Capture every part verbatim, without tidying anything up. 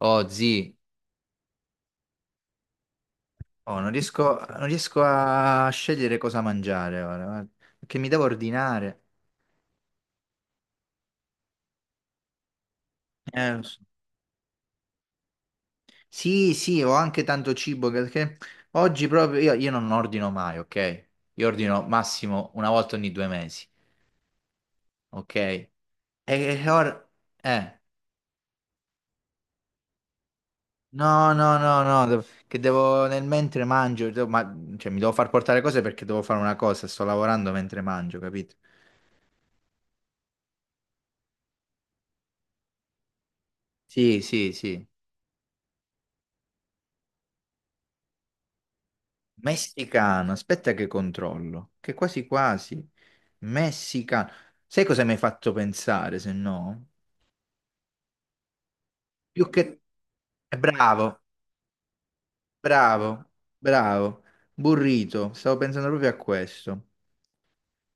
Oh, zii, oh, non riesco, non riesco a scegliere cosa mangiare ora, guarda, perché mi devo ordinare. Eh, lo so. Sì, sì, ho anche tanto cibo che- perché oggi proprio io, io non ordino mai, ok? Io ordino massimo una volta ogni due mesi, ok? E, e ora, eh, no, no, no, no, devo- che devo nel mentre mangio, devo- ma, cioè mi devo far portare cose perché devo fare una cosa, sto lavorando mentre mangio, capito? Sì, sì, sì. Messicano, aspetta che controllo, che quasi quasi. Messicano. Sai cosa mi hai fatto pensare, se no? Più che... eh, Bravo, bravo, bravo. Burrito, stavo pensando proprio a questo.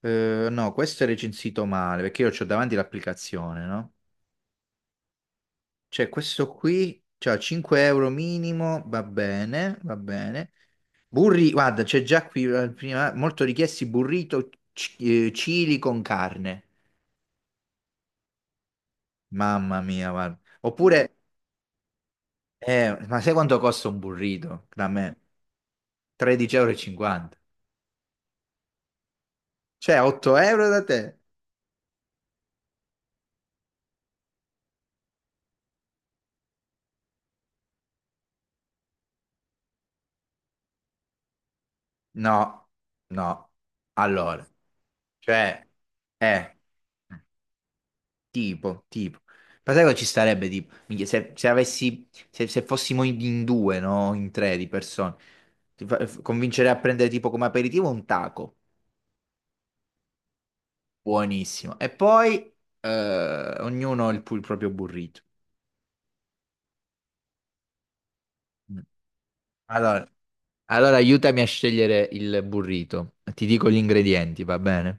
Eh, no, questo è recensito male, perché io ho davanti l'applicazione, no? Cioè, questo qui, cioè cinque euro minimo, va bene, va bene. Burri, guarda, c'è già qui eh, prima, molto richiesti burrito c- eh, cili con carne. Mamma mia, guarda. Oppure, eh, ma sai quanto costa un burrito da me? tredici e cinquanta euro. E cinquanta. Cioè, otto euro da te? No, no. Allora, cioè, eh, tipo, tipo. Ma sai cosa ci starebbe, tipo? Minchia, se, se avessi, se, se fossimo in in due, no? In tre di persone. Ti fa- Convincerei a prendere tipo come aperitivo un taco. Buonissimo. E poi, eh, ognuno il, pu- il proprio burrito. Mm. Allora, Allora, aiutami a scegliere il burrito. Ti dico gli ingredienti, va bene?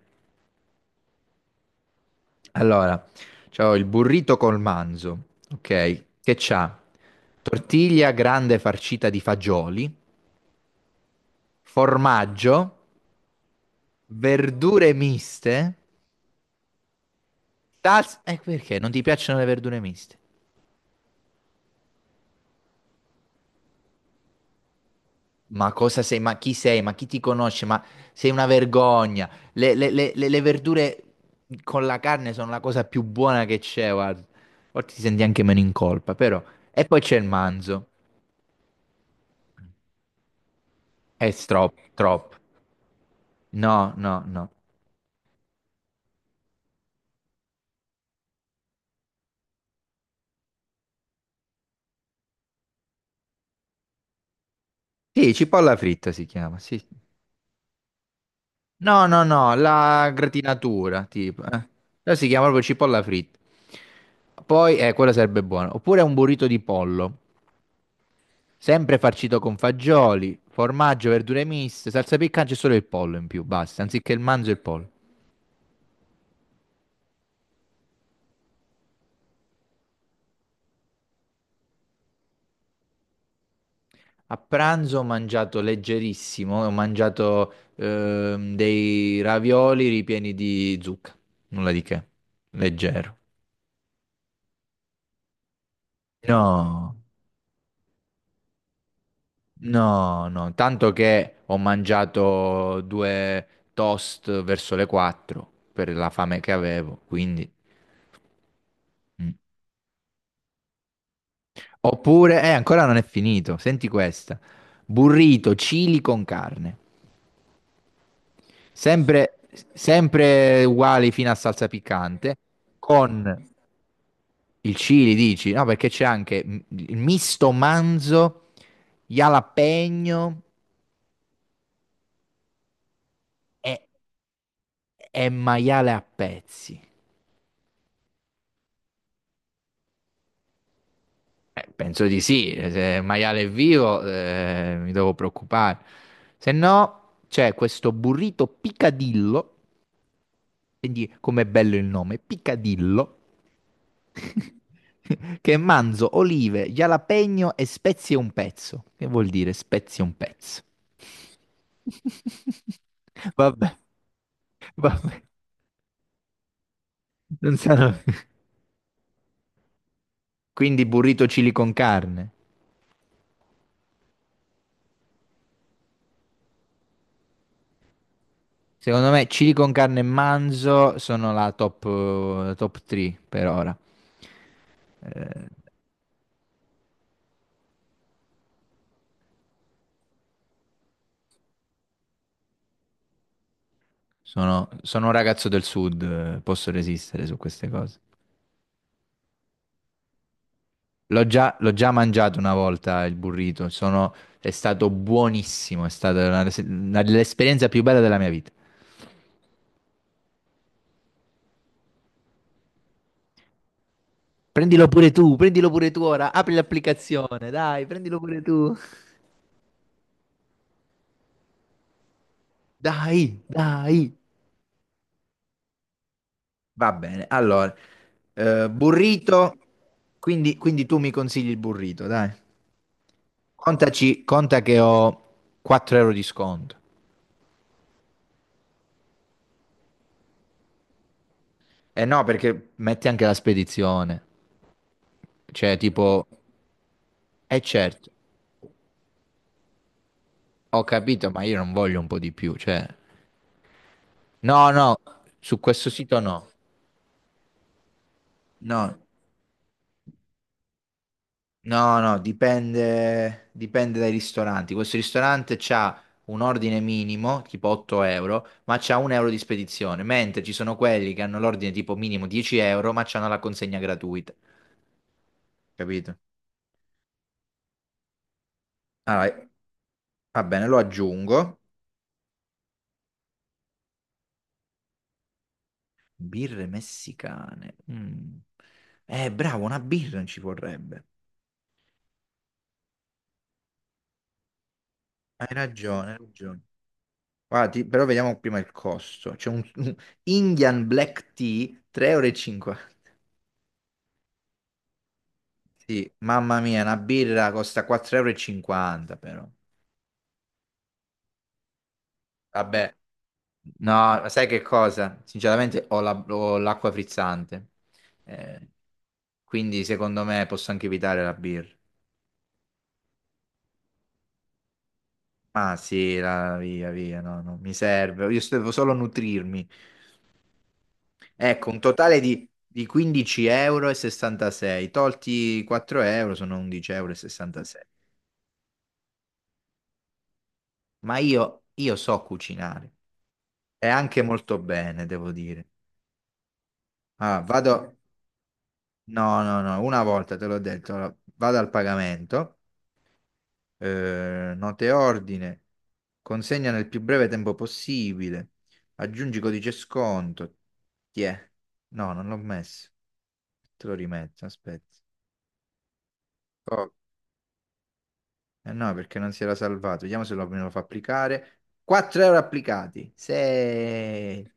Allora, c'ho il burrito col manzo, ok? Che c'ha? Tortiglia grande farcita di fagioli, formaggio, verdure miste. Tas- Eh, perché non ti piacciono le verdure miste? Ma cosa sei? Ma chi sei? Ma chi ti conosce? Ma sei una vergogna. Le, le- le- le- le verdure con la carne sono la cosa più buona che c'è, guarda. Forse ti senti anche meno in colpa, però. E poi c'è il manzo. È troppo, troppo. No, no, no. Sì, cipolla fritta si chiama, sì. Sì. No, no, no, la gratinatura, tipo. Eh. Però si chiama proprio cipolla fritta. Poi, eh, quella sarebbe buona. Oppure un burrito di pollo. Sempre farcito con fagioli, formaggio, verdure miste, salsa piccante e solo il pollo in più, basta, anziché il manzo e il pollo. A pranzo ho mangiato leggerissimo, ho mangiato ehm, dei ravioli ripieni di zucca, nulla di che, leggero. No, no, no, tanto che ho mangiato due toast verso le quattro per la fame che avevo, quindi. Mm. Oppure, eh, ancora non è finito, senti questa. Burrito, chili con carne. Sempre, sempre uguali fino a salsa piccante. Con il chili, dici? No, perché c'è anche mm, il misto manzo, jalapeno e, e maiale a pezzi. Eh, penso di sì, eh, se il maiale è vivo, eh, mi devo preoccupare. Se no, c'è questo burrito picadillo. Quindi, com'è bello il nome, Picadillo, che è manzo, olive, jalapeno e spezie un pezzo. Che vuol dire spezie un pezzo? Vabbè, vabbè, non sarà. Quindi burrito chili con carne. Secondo me chili con carne e manzo sono la top, la top, tre per ora. Eh, sono, sono un ragazzo del sud, eh, posso resistere su queste cose. L'ho già, l'ho già mangiato una volta il burrito, sono- è stato buonissimo, è stata una- una- l'esperienza più bella della mia vita. Prendilo pure tu, prendilo pure tu ora, apri l'applicazione, dai, prendilo pure tu. Dai, dai. Va bene, allora, eh, burrito, quindi, quindi tu mi consigli il burrito, dai. Contaci, conta che ho quattro euro di sconto. Eh no, perché metti anche la spedizione, cioè tipo. Eh certo. Ho capito, ma io non voglio un po' di più, cioè. No, no, su questo sito no. No, no, no, dipende, dipende dai ristoranti. Questo ristorante c'ha un ordine minimo, tipo otto euro, ma c'ha un euro di spedizione, mentre ci sono quelli che hanno l'ordine tipo minimo dieci euro, ma c'hanno la consegna gratuita. Capito? Allora, va bene, lo aggiungo. Birre messicane. Mm. Eh, bravo, una birra ci vorrebbe. Hai ragione, hai ragione. Guarda, ti- però vediamo prima il costo. C'è un, un Indian Black Tea tre e cinquanta euro. E cinquanta. Sì, mamma mia, una birra costa quattro virgola cinquanta euro e cinquanta però. Vabbè, no, ma sai che cosa? Sinceramente ho la- ho l'acqua frizzante. Eh, quindi secondo me posso anche evitare la birra. Ah sì, la, via, via, no, non mi serve. Io devo solo nutrirmi. Ecco, un totale di, di quindici euro e sessantasei, tolti quattro euro sono undici euro e sessantasei. Ma io, io so cucinare e anche molto bene, devo dire. Ah, vado, no, no, no, una volta te l'ho detto, allora, vado al pagamento, eh, note ordine, consegna nel più breve tempo possibile, aggiungi codice sconto. Ti è? No, non l'ho messo. Te lo rimetto, aspetta. Ok. Eh no, perché non si era salvato. Vediamo se lo, me lo fa applicare. quattro euro applicati. sei.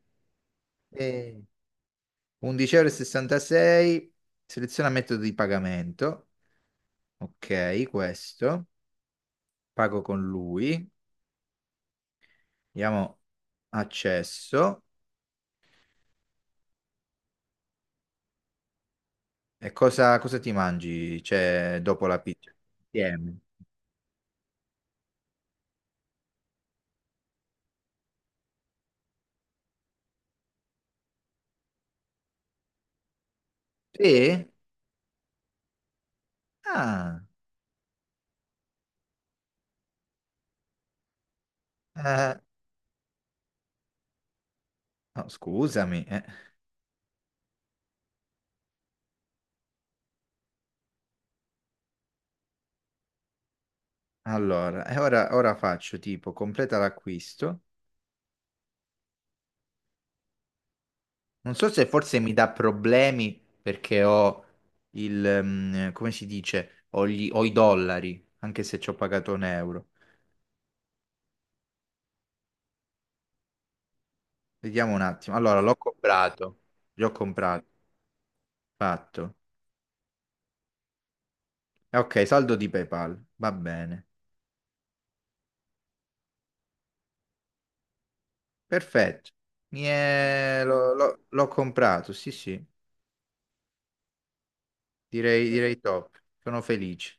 undici e sessantasei euro. E sessantasei. Seleziona metodo di pagamento. Ok, questo. Pago con lui. Diamo accesso. E cosa, cosa ti mangi? Cioè, dopo la pizza? Insieme. Sì? Ah. eh, no, scusami. Eh. Allora, e ora, ora faccio tipo completa l'acquisto. Non so se forse mi dà problemi perché ho il, ehm, come si dice, ho, gli- ho i dollari, anche se ci ho pagato un euro. Vediamo un attimo. Allora, l'ho comprato, l'ho comprato, fatto. Eh, Ok, saldo di PayPal, va bene. Perfetto. Mi è- l'ho l'ho- l'ho comprato, sì, sì, direi, direi top. Sono felice.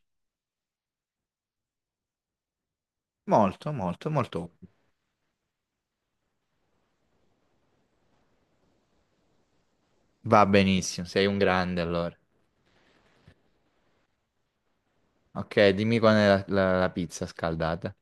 Molto, molto, molto. Va benissimo, sei un grande allora. Ok, dimmi quando è la la- la pizza scaldata.